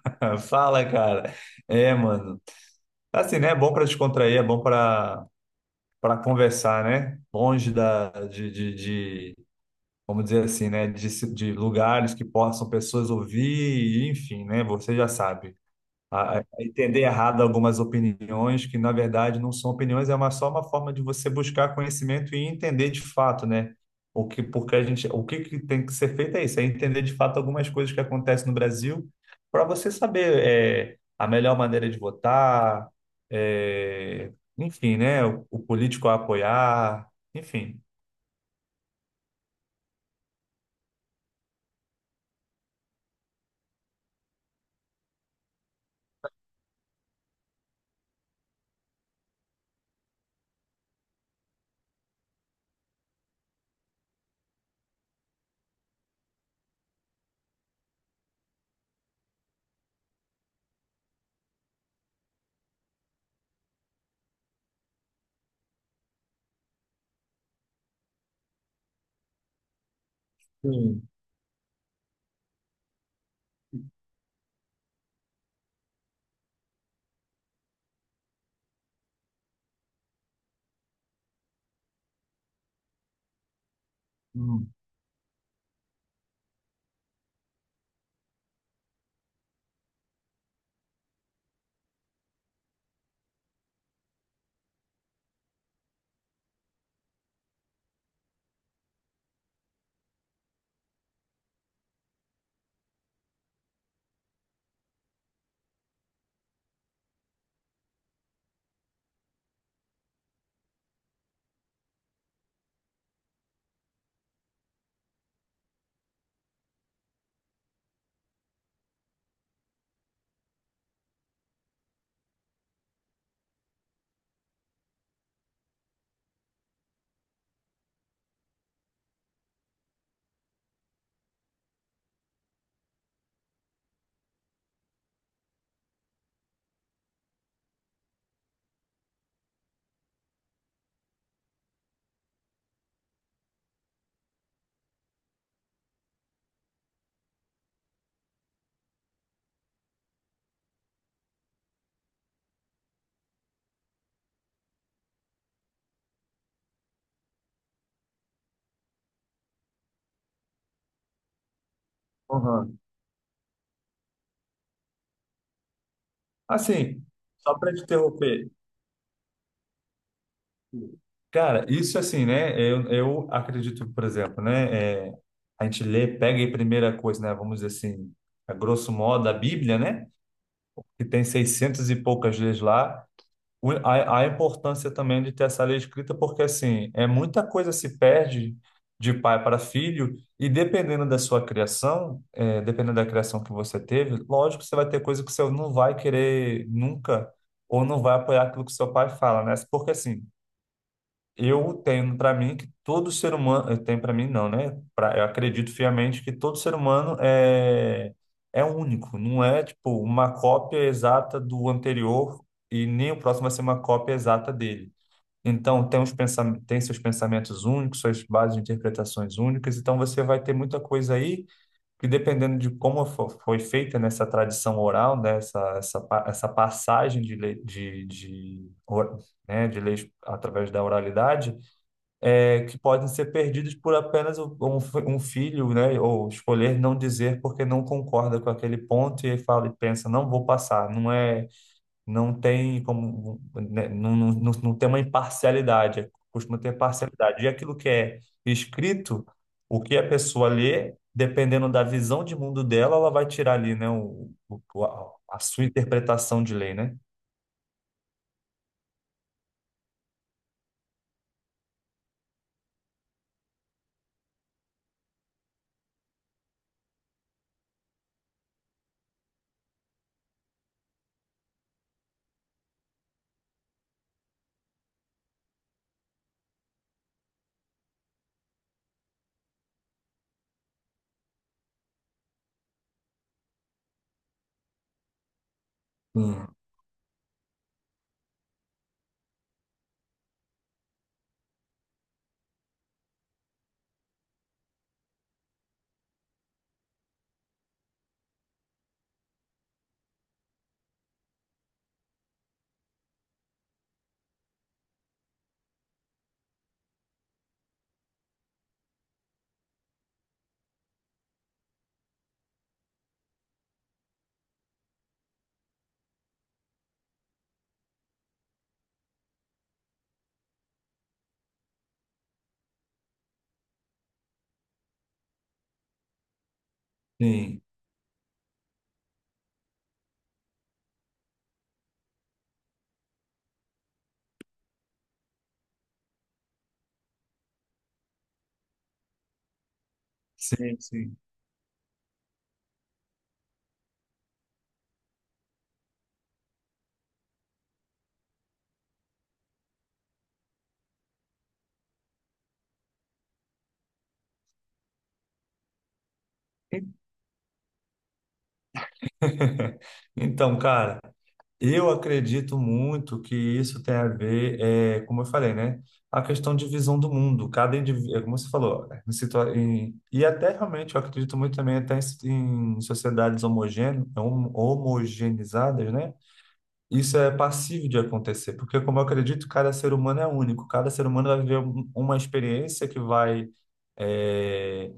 Fala, cara. É, mano. Assim, né? É bom pra descontrair, é bom pra para conversar, né? Longe da, de- vamos dizer assim, né? De lugares que possam pessoas ouvir, enfim, né? Você já sabe a entender errado algumas opiniões que, na verdade, não são opiniões, é só uma forma de você buscar conhecimento e entender de fato, né? Porque a gente, o que tem que ser feito é isso, é entender de fato algumas coisas que acontecem no Brasil para você saber a melhor maneira de votar, é, enfim, né? O político a apoiar, enfim. Sim. Hum. Uhum. Assim, só para te interromper. Cara, isso assim, né? Eu acredito, por exemplo, né? A gente lê, pega a primeira coisa, né? Vamos dizer assim, a grosso modo, a Bíblia, né? Que tem 600 e poucas leis lá. A importância também de ter essa lei escrita, porque assim, é muita coisa se perde de pai para filho, e dependendo da sua criação, dependendo da criação que você teve, lógico que você vai ter coisa que você não vai querer nunca, ou não vai apoiar aquilo que seu pai fala, né? Porque assim. Eu tenho para mim que todo ser humano, eu tenho para mim não, né? Eu acredito fiamente que todo ser humano é único, não é tipo uma cópia exata do anterior e nem o próximo vai ser uma cópia exata dele. Então tem seus pensamentos únicos, suas bases de interpretações únicas, então você vai ter muita coisa aí que dependendo de como foi feita nessa tradição oral, né? Essa passagem de, né? De leis através da oralidade que podem ser perdidos por apenas um filho, né? Ou escolher não dizer porque não concorda com aquele ponto e fala e pensa, não vou passar. Não é, não tem como, né, não tem uma imparcialidade, costuma ter parcialidade. E aquilo que é escrito, o que a pessoa lê, dependendo da visão de mundo dela, ela vai tirar ali, né? A sua interpretação de lei, né? Hum, Sim, sim, sim. Então, cara. Eu acredito muito que isso tem a ver, é, como eu falei, né? A questão de visão do mundo. Cada indivíduo, como você falou, né, e até realmente eu acredito muito também até em, em sociedades homogeneizadas, né? Isso é passível de acontecer, porque como eu acredito, cada ser humano é único. Cada ser humano vai viver uma experiência que vai eh,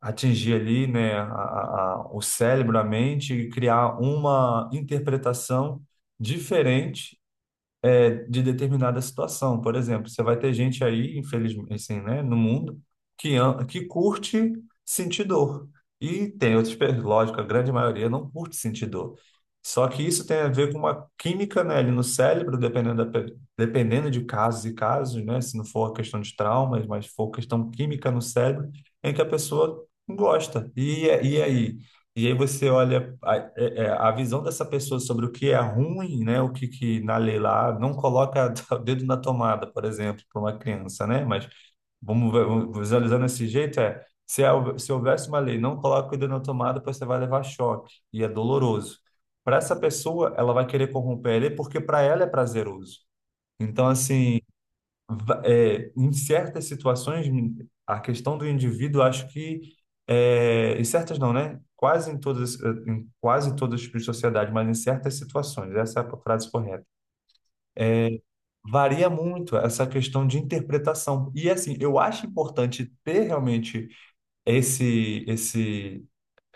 atingir ali, né, o cérebro, a mente e criar uma interpretação diferente de determinada situação. Por exemplo, você vai ter gente aí, infelizmente, assim, né, no mundo, que curte sentir dor. E tem outras pessoas, lógico, a grande maioria não curte sentir dor. Só que isso tem a ver com uma química, né, ali no cérebro, dependendo de casos e casos, né, se não for questão de traumas, mas for questão química no cérebro, em que a pessoa gosta. E aí? E aí você olha é, a visão dessa pessoa sobre o que é ruim, né? O que na lei lá não coloca o dedo na tomada, por exemplo, para uma criança, né? Mas vamos visualizando desse jeito se, se houvesse uma lei, não coloca o dedo na tomada, pois você vai levar choque e é doloroso. Para essa pessoa, ela vai querer corromper a lei porque para ela é prazeroso. Então, assim, em certas situações, a questão do indivíduo, acho que, em certas não, né? Quase em todas, em quase todos os tipos de sociedade, mas em certas situações, essa é a frase correta. Varia muito essa questão de interpretação. E assim, eu acho importante ter realmente esse, esse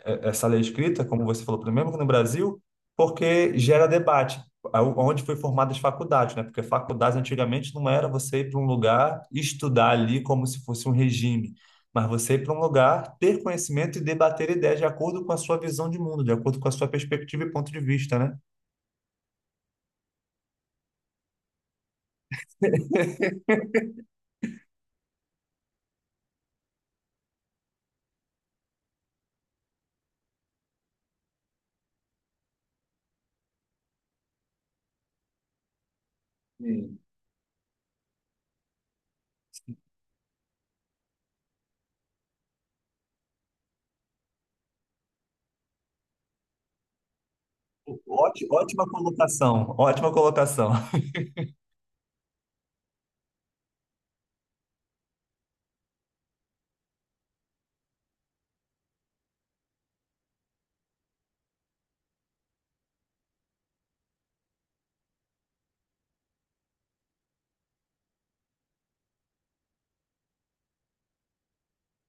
essa lei escrita, como você falou, primeiro que no Brasil, porque gera debate. Onde foi formadas as faculdades, né? Porque faculdades antigamente não era você ir para um lugar e estudar ali como se fosse um regime, mas você ir para um lugar, ter conhecimento e debater ideias de acordo com a sua visão de mundo, de acordo com a sua perspectiva e ponto de vista, né? Sim. Ótima colocação, ótima colocação.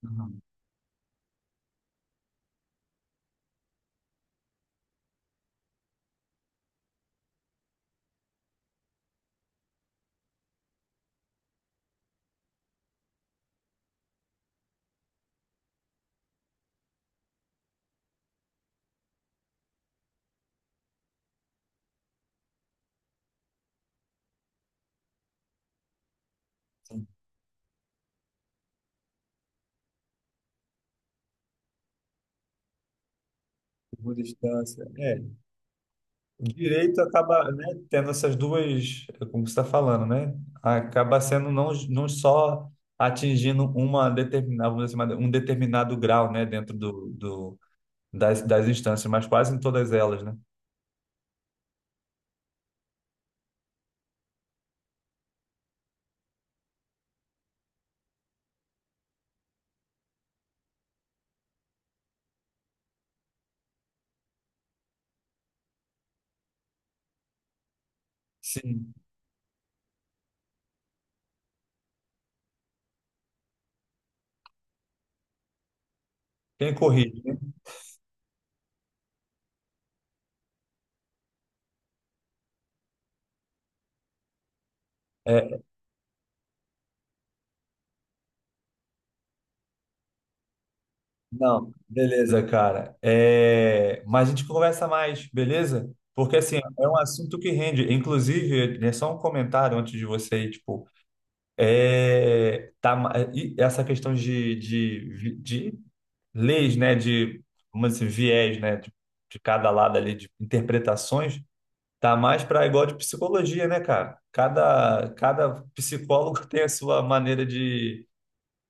Aham. Boa distância. É. Direito acaba, né, tendo essas duas, como você está falando, né? Acaba sendo não só atingindo uma determinada, vamos dizer assim, um determinado grau, né, das, das instâncias, mas quase em todas elas, né? Sim, tem corrige, né? É, não, beleza, cara. É, mas a gente conversa mais, beleza? Porque, assim, é um assunto que rende. Inclusive, é só um comentário antes de você ir, tipo, é, tá, e essa questão de leis, né, de, vamos dizer, assim, viés, né, de cada lado ali, de interpretações, tá mais para igual de psicologia, né, cara? Cada psicólogo tem a sua maneira de,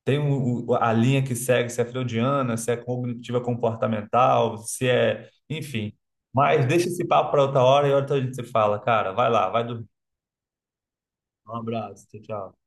tem a linha que segue, se é freudiana, se é cognitiva comportamental, se é, enfim. Mas deixa esse papo para outra hora e outra hora a gente se fala, cara. Vai lá, vai dormir. Um abraço, tchau, tchau.